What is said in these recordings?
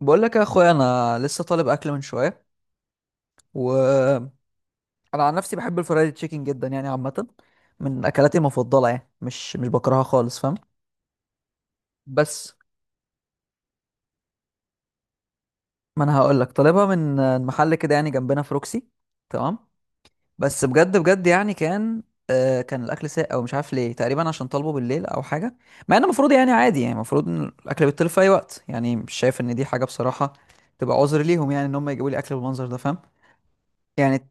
بقول لك يا اخويا، انا لسه طالب اكل من شويه. وانا عن نفسي بحب الفرايد تشيكن جدا، يعني عامه من اكلاتي المفضله، يعني مش بكرهها خالص، فاهم؟ بس ما انا هقول لك طالبها من محل كده يعني جنبنا في روكسي، تمام. بس بجد بجد يعني كان، كان الاكل ساقع ومش عارف ليه، تقريبا عشان طالبه بالليل او حاجه. مع ان المفروض يعني عادي، يعني المفروض ان الاكل بيتطلب في اي وقت، يعني مش شايف ان دي حاجه بصراحه تبقى عذر ليهم يعني، ان هم يجيبوا لي اكل بالمنظر ده، فاهم؟ يعني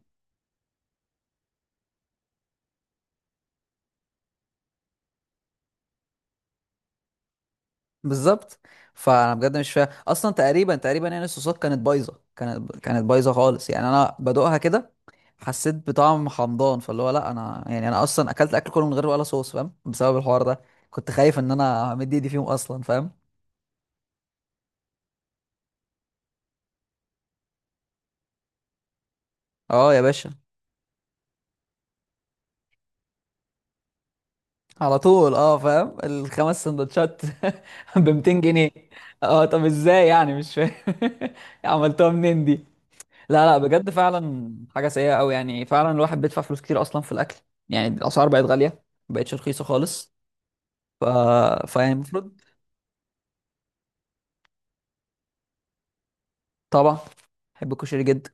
بالظبط. فانا بجد مش فاهم اصلا، تقريبا تقريبا يعني الصوصات كانت بايظه، كانت بايظه خالص يعني، انا بدوقها كده حسيت بطعم حمضان. فاللي هو لا، انا يعني انا اصلا اكلت اكل كله من غير ولا صوص، فاهم؟ بسبب الحوار ده كنت خايف ان انا همد ايدي فيهم اصلا، فاهم؟ اه يا باشا. على طول، فاهم. الخمس سندوتشات ب 200 جنيه. اه، طب ازاي؟ يعني مش فاهم. عملتوها منين دي؟ لا لا، بجد فعلا حاجة سيئة أوي، يعني فعلا الواحد بيدفع فلوس كتير أصلا في الأكل. يعني الأسعار بقت غالية، مبقتش رخيصة خالص. ف... فيعني المفروض. طبعا بحب الكشري جدا.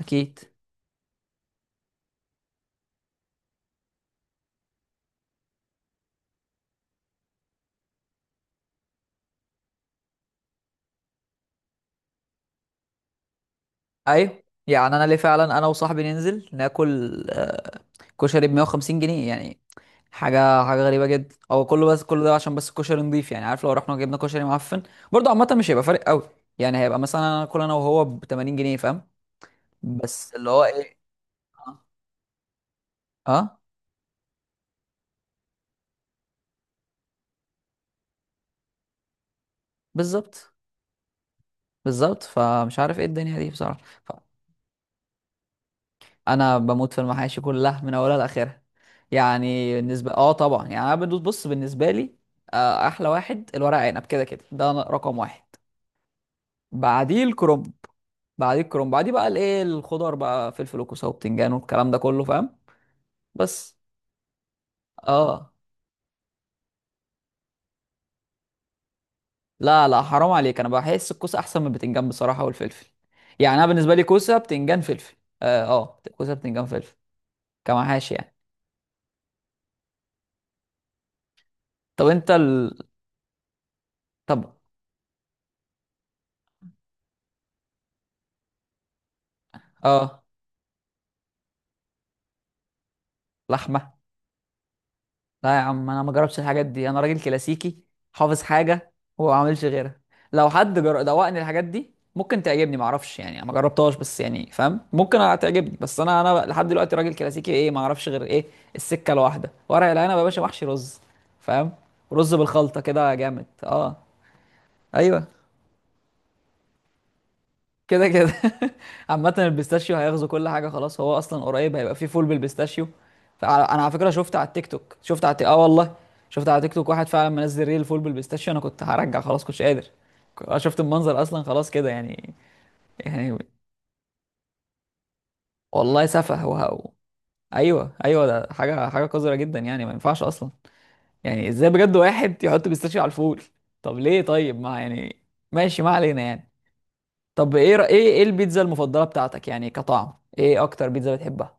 أكيد. أيوه، يعني أنا ليه فعلا، أنا وصاحبي ننزل ناكل، كشري ب 150 جنيه يعني. حاجة حاجة غريبة جدا، هو كله، بس كله ده عشان بس الكشري نضيف يعني، عارف، لو رحنا جبنا كشري معفن برضه عامة مش هيبقى فارق أوي. يعني هيبقى مثلا أنا كل أنا وهو ب 80 جنيه، فاهم؟ بس اللي هو إيه. أه. آه، بالظبط. بالظبط، فمش عارف ايه الدنيا دي بصراحه، انا بموت في المحاشي كلها من اولها لاخرها، يعني بالنسبه، طبعا. يعني انا بدوس، بص، بالنسبه لي، احلى واحد الورق عنب كده كده، ده رقم واحد. بعديه الكرنب بعديه الكرنب بعديه بقى الايه، الخضار بقى، فلفل وكوسه وبتنجان والكلام ده كله، فاهم؟ بس، اه لا لا، حرام عليك. انا بحس الكوسه احسن من البتنجان بصراحه، والفلفل. يعني انا بالنسبه لي كوسه بتنجان فلفل. اه اه، كوسه بتنجان فلفل كمحاشي يعني. طب انت طب، اه لحمه. لا يا عم، انا ما جربتش الحاجات دي، انا راجل كلاسيكي، حافظ حاجه وما بعملش غيرها. لو حد دوقني الحاجات دي ممكن تعجبني، ما اعرفش، يعني أنا ما جربتهاش، بس يعني فاهم ممكن تعجبني. بس انا لحد دلوقتي راجل كلاسيكي، ايه، ما اعرفش غير ايه السكه الواحده، ورق العنب يا باشا، محشي رز، فاهم؟ رز بالخلطه كده، جامد. اه، ايوه كده كده. عامة البيستاشيو هيغزو كل حاجة خلاص، هو أصلا قريب هيبقى فيه فول بالبيستاشيو. فأنا على فكرة شفت على التيك توك، والله شفت على تيك توك واحد فعلا منزل ريل فول بالبيستاشيو. أنا كنت هرجع خلاص، كنتش قادر. أنا شفت المنظر أصلا خلاص كده يعني. يعني والله سفه. وهو، أيوه أيوه، ده حاجة حاجة قذرة جدا يعني، ما ينفعش أصلا. يعني إزاي بجد واحد يحط بيستاشيو على الفول؟ طب ليه؟ طيب، ما يعني، ماشي ما علينا يعني. طب إيه إيه البيتزا المفضلة بتاعتك يعني كطعم؟ إيه أكتر بيتزا بتحبها؟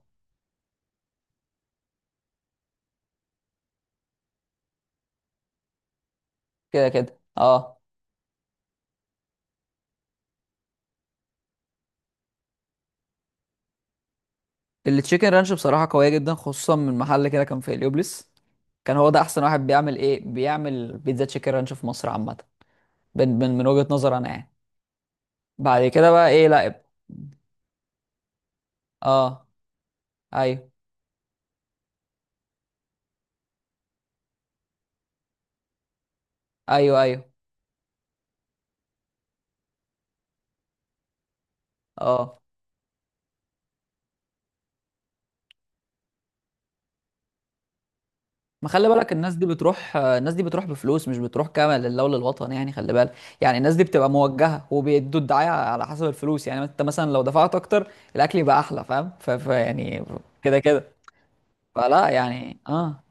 كده كده اه. التشيكن رانش بصراحة قوية جدا، خصوصا من محل كده كان في هليوبلس. كان هو ده احسن واحد بيعمل، بيعمل بيتزا تشيكن رانش في مصر عامة، من وجهة نظر انا يعني. بعد كده بقى ايه، لا. اه، ايوه ايوه ايوه اه. ما خلي بالك، الناس دي بتروح بفلوس، مش بتروح كامل لله وللوطن يعني، خلي بالك. يعني الناس دي بتبقى موجهه، وبيدوا الدعايه على حسب الفلوس. يعني انت مثلا لو دفعت اكتر الاكل يبقى احلى، فاهم؟ يعني كده كده. فلا يعني،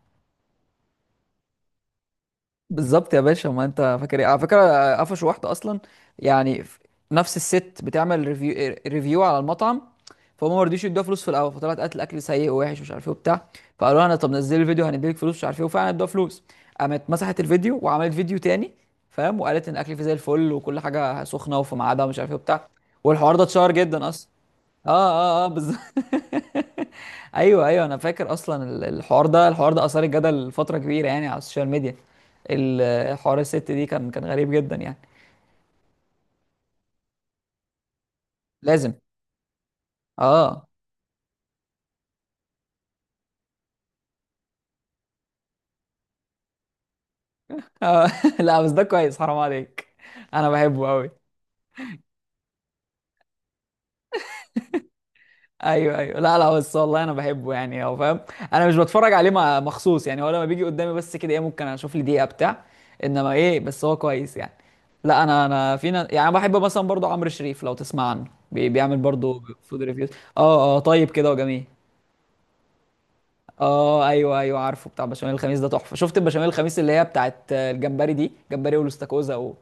بالظبط يا باشا. ما انت فاكر، ايه على فكره، قفشوا واحده اصلا يعني، نفس الست بتعمل ريفيو على المطعم، فهم ما رضيوش يدوها فلوس في الاول. فطلعت قالت الاكل سيء ووحش ومش عارف ايه وبتاع. فقالوا لها، طب نزلي الفيديو هنديلك فلوس مش عارف ايه، وفعلا ادوها فلوس. قامت مسحت الفيديو وعملت فيديو تاني، فاهم؟ وقالت ان الاكل فيه زي الفل وكل حاجه سخنه وفي ميعادها ومش عارف ايه وبتاع. والحوار ده اتشهر جدا اصلا. اه اه بالظبط. ايوه ايوه، انا فاكر اصلا، الحوار ده اثار الجدل فتره كبيره يعني على السوشيال ميديا. حوار الست دي كان غريب جدا يعني. لازم. اه، آه. لا بس ده كويس، حرام عليك، انا بحبه قوي. ايوه ايوه، لا لا، بس والله انا بحبه يعني، هو فاهم. انا مش بتفرج عليه مخصوص، يعني هو لما بيجي قدامي بس كده، ايه، ممكن اشوف لي دقيقه بتاع، انما ايه، بس هو كويس يعني. لا انا فينا يعني، أنا بحب مثلا برضو عمرو شريف لو تسمع عنه، بيعمل برضو فود ريفيوز. اه طيب، كده وجميل. اه ايوه ايوه، عارفه بتاع بشاميل الخميس ده تحفه. شفت البشاميل الخميس اللي هي بتاعت، الجمبري دي، جمبري والاستاكوزا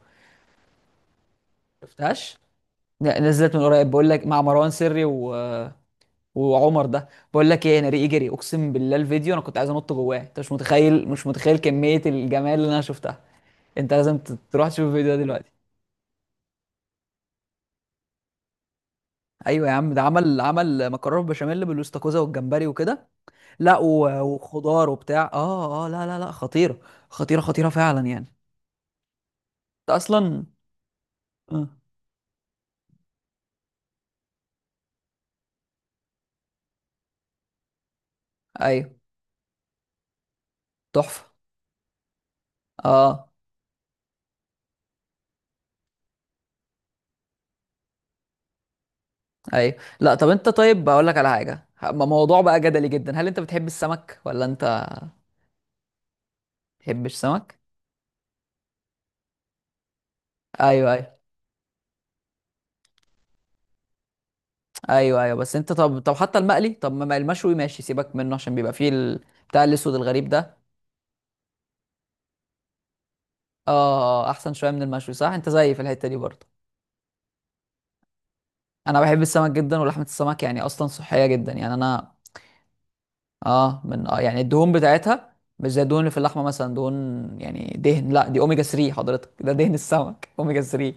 شفتهاش؟ لا، نزلت من قريب، بقول لك مع مروان سري وعمر ده. بقول لك ايه، انا ريقي جري، اقسم بالله الفيديو انا كنت عايز انط جواه. انت مش متخيل، مش متخيل كمية الجمال اللي انا شفتها. انت لازم تروح تشوف الفيديو ده دلوقتي. ايوه يا عم، ده عمل مكرونه بشاميل بالاستاكوزا والجمبري وكده. لا، وخضار وبتاع، لا لا لا، خطيره خطيره خطيره فعلا يعني. انت اصلا، آه. ايوه، تحفه. اه، ايوه. لا طب انت، طيب بقول لك على حاجه، موضوع بقى جدلي جدا، هل انت بتحب السمك ولا انت بتحبش سمك؟ ايوه ايوه ايوه ايوه، بس انت طب، حتى المقلي، طب ما المشوي ماشي، سيبك منه عشان بيبقى فيه بتاع الاسود الغريب ده. اه احسن شويه من المشوي، صح؟ انت زيي في الحته دي برضه. انا بحب السمك جدا، ولحمه السمك يعني اصلا صحيه جدا. يعني انا، اه من آه يعني الدهون بتاعتها مش زي الدهون اللي في اللحمه مثلا، دهون يعني دهن. لا، دي اوميجا 3 حضرتك، ده دهن السمك. اوميجا 3.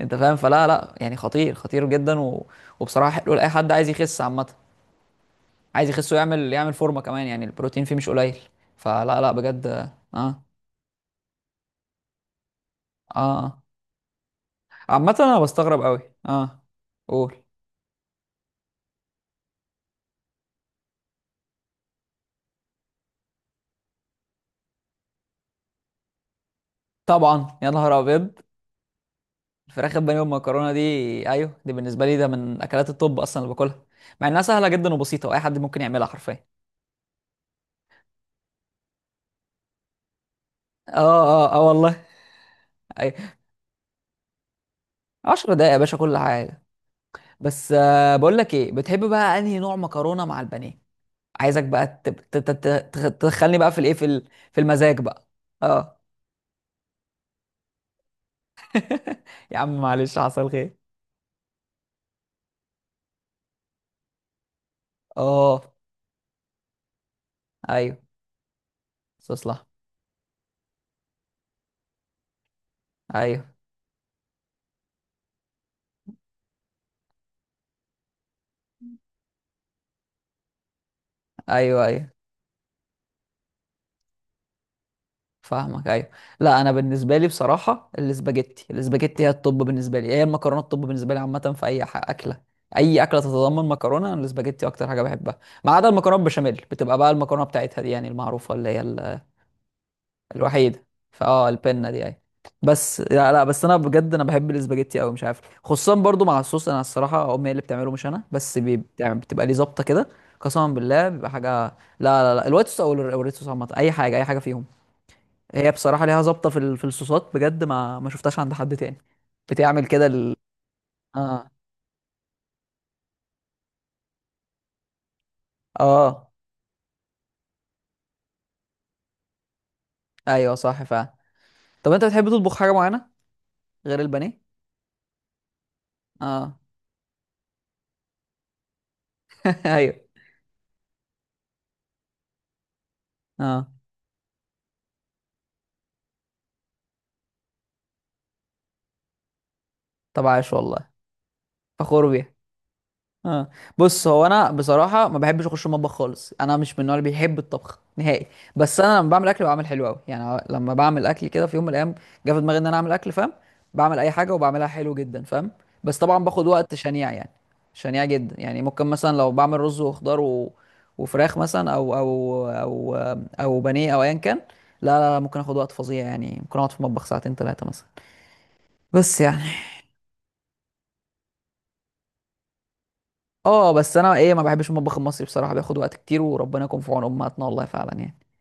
انت فاهم؟ فلا لا يعني خطير، خطير جدا وبصراحه حلو لاي حد عايز يخس عامه، عايز يخس ويعمل، يعمل فورمه كمان يعني. البروتين فيه مش قليل، فلا لا بجد. اه آه. عامه انا بستغرب قوي. اه، قول. طبعا، يا نهار ابيض، الفراخ البانيه والمكرونه دي. ايوه، دي بالنسبه لي ده من اكلات الطب اصلا اللي باكلها، مع انها سهله جدا وبسيطه واي حد ممكن يعملها حرفيا. اه اه والله اي 10 دقايق يا باشا كل حاجه. بس، آه، بقول لك ايه، بتحب بقى انهي نوع مكرونه مع البانيه؟ عايزك بقى تدخلني بقى في الايه، في المزاج بقى. اه يا عم، معلش حصل خير. اه ايوه، استصلح. ايوه ايوه ايوه، فاهمك. ايوه. لا انا بالنسبه لي بصراحه، الاسباجيتي هي الطب بالنسبه لي، هي المكرونه الطب بالنسبه لي عامه، في اي ح- اكله اي اكله تتضمن مكرونه. انا الاسباجيتي اكتر حاجه بحبها، ما عدا المكرونه بشاميل بتبقى بقى المكرونه بتاعتها دي يعني المعروفه، اللي هي الوحيده. فاه البنه دي اهي. بس لا لا، بس انا بجد بحب الاسباجيتي قوي، مش عارف، خصوصا برضو مع الصوص. انا الصراحه امي هي اللي بتعمله مش انا، بس بتبقى ليه ظابطه كده. قسما بالله بيبقى حاجه، لا. لا لا، الوايت صوص او أو الريد صوص عامه، اي حاجه اي حاجه فيهم. هي بصراحه ليها ظابطه في الصوصات بجد، ما شفتهاش عند حد تاني. بتعمل كده اه اه ايوه، صح فعلا. طب انت بتحب تطبخ حاجه معينه غير البانيه؟ اه. ايوه. اه، طب عاش والله، فخور بيها. اه. بص هو انا بصراحه ما بحبش اخش المطبخ خالص، انا مش من النوع اللي بيحب الطبخ نهائي. بس انا لما بعمل اكل بعمل حلو قوي، يعني لما بعمل اكل كده في يوم من الايام جه في دماغي ان انا اعمل اكل، فاهم؟ بعمل اي حاجه وبعملها حلو جدا، فاهم؟ بس طبعا باخد وقت شنيع يعني، شنيع جدا يعني. ممكن مثلا لو بعمل رز وخضار وفراخ مثلا، او بانيه او ايا كان. لا لا لا، ممكن اخد وقت فظيع يعني، ممكن اقعد في المطبخ ساعتين ثلاثه مثلا، بس يعني. اه بس انا ما بحبش المطبخ المصري بصراحه، بياخد وقت كتير، وربنا يكون في عون امهاتنا، والله فعلا يعني.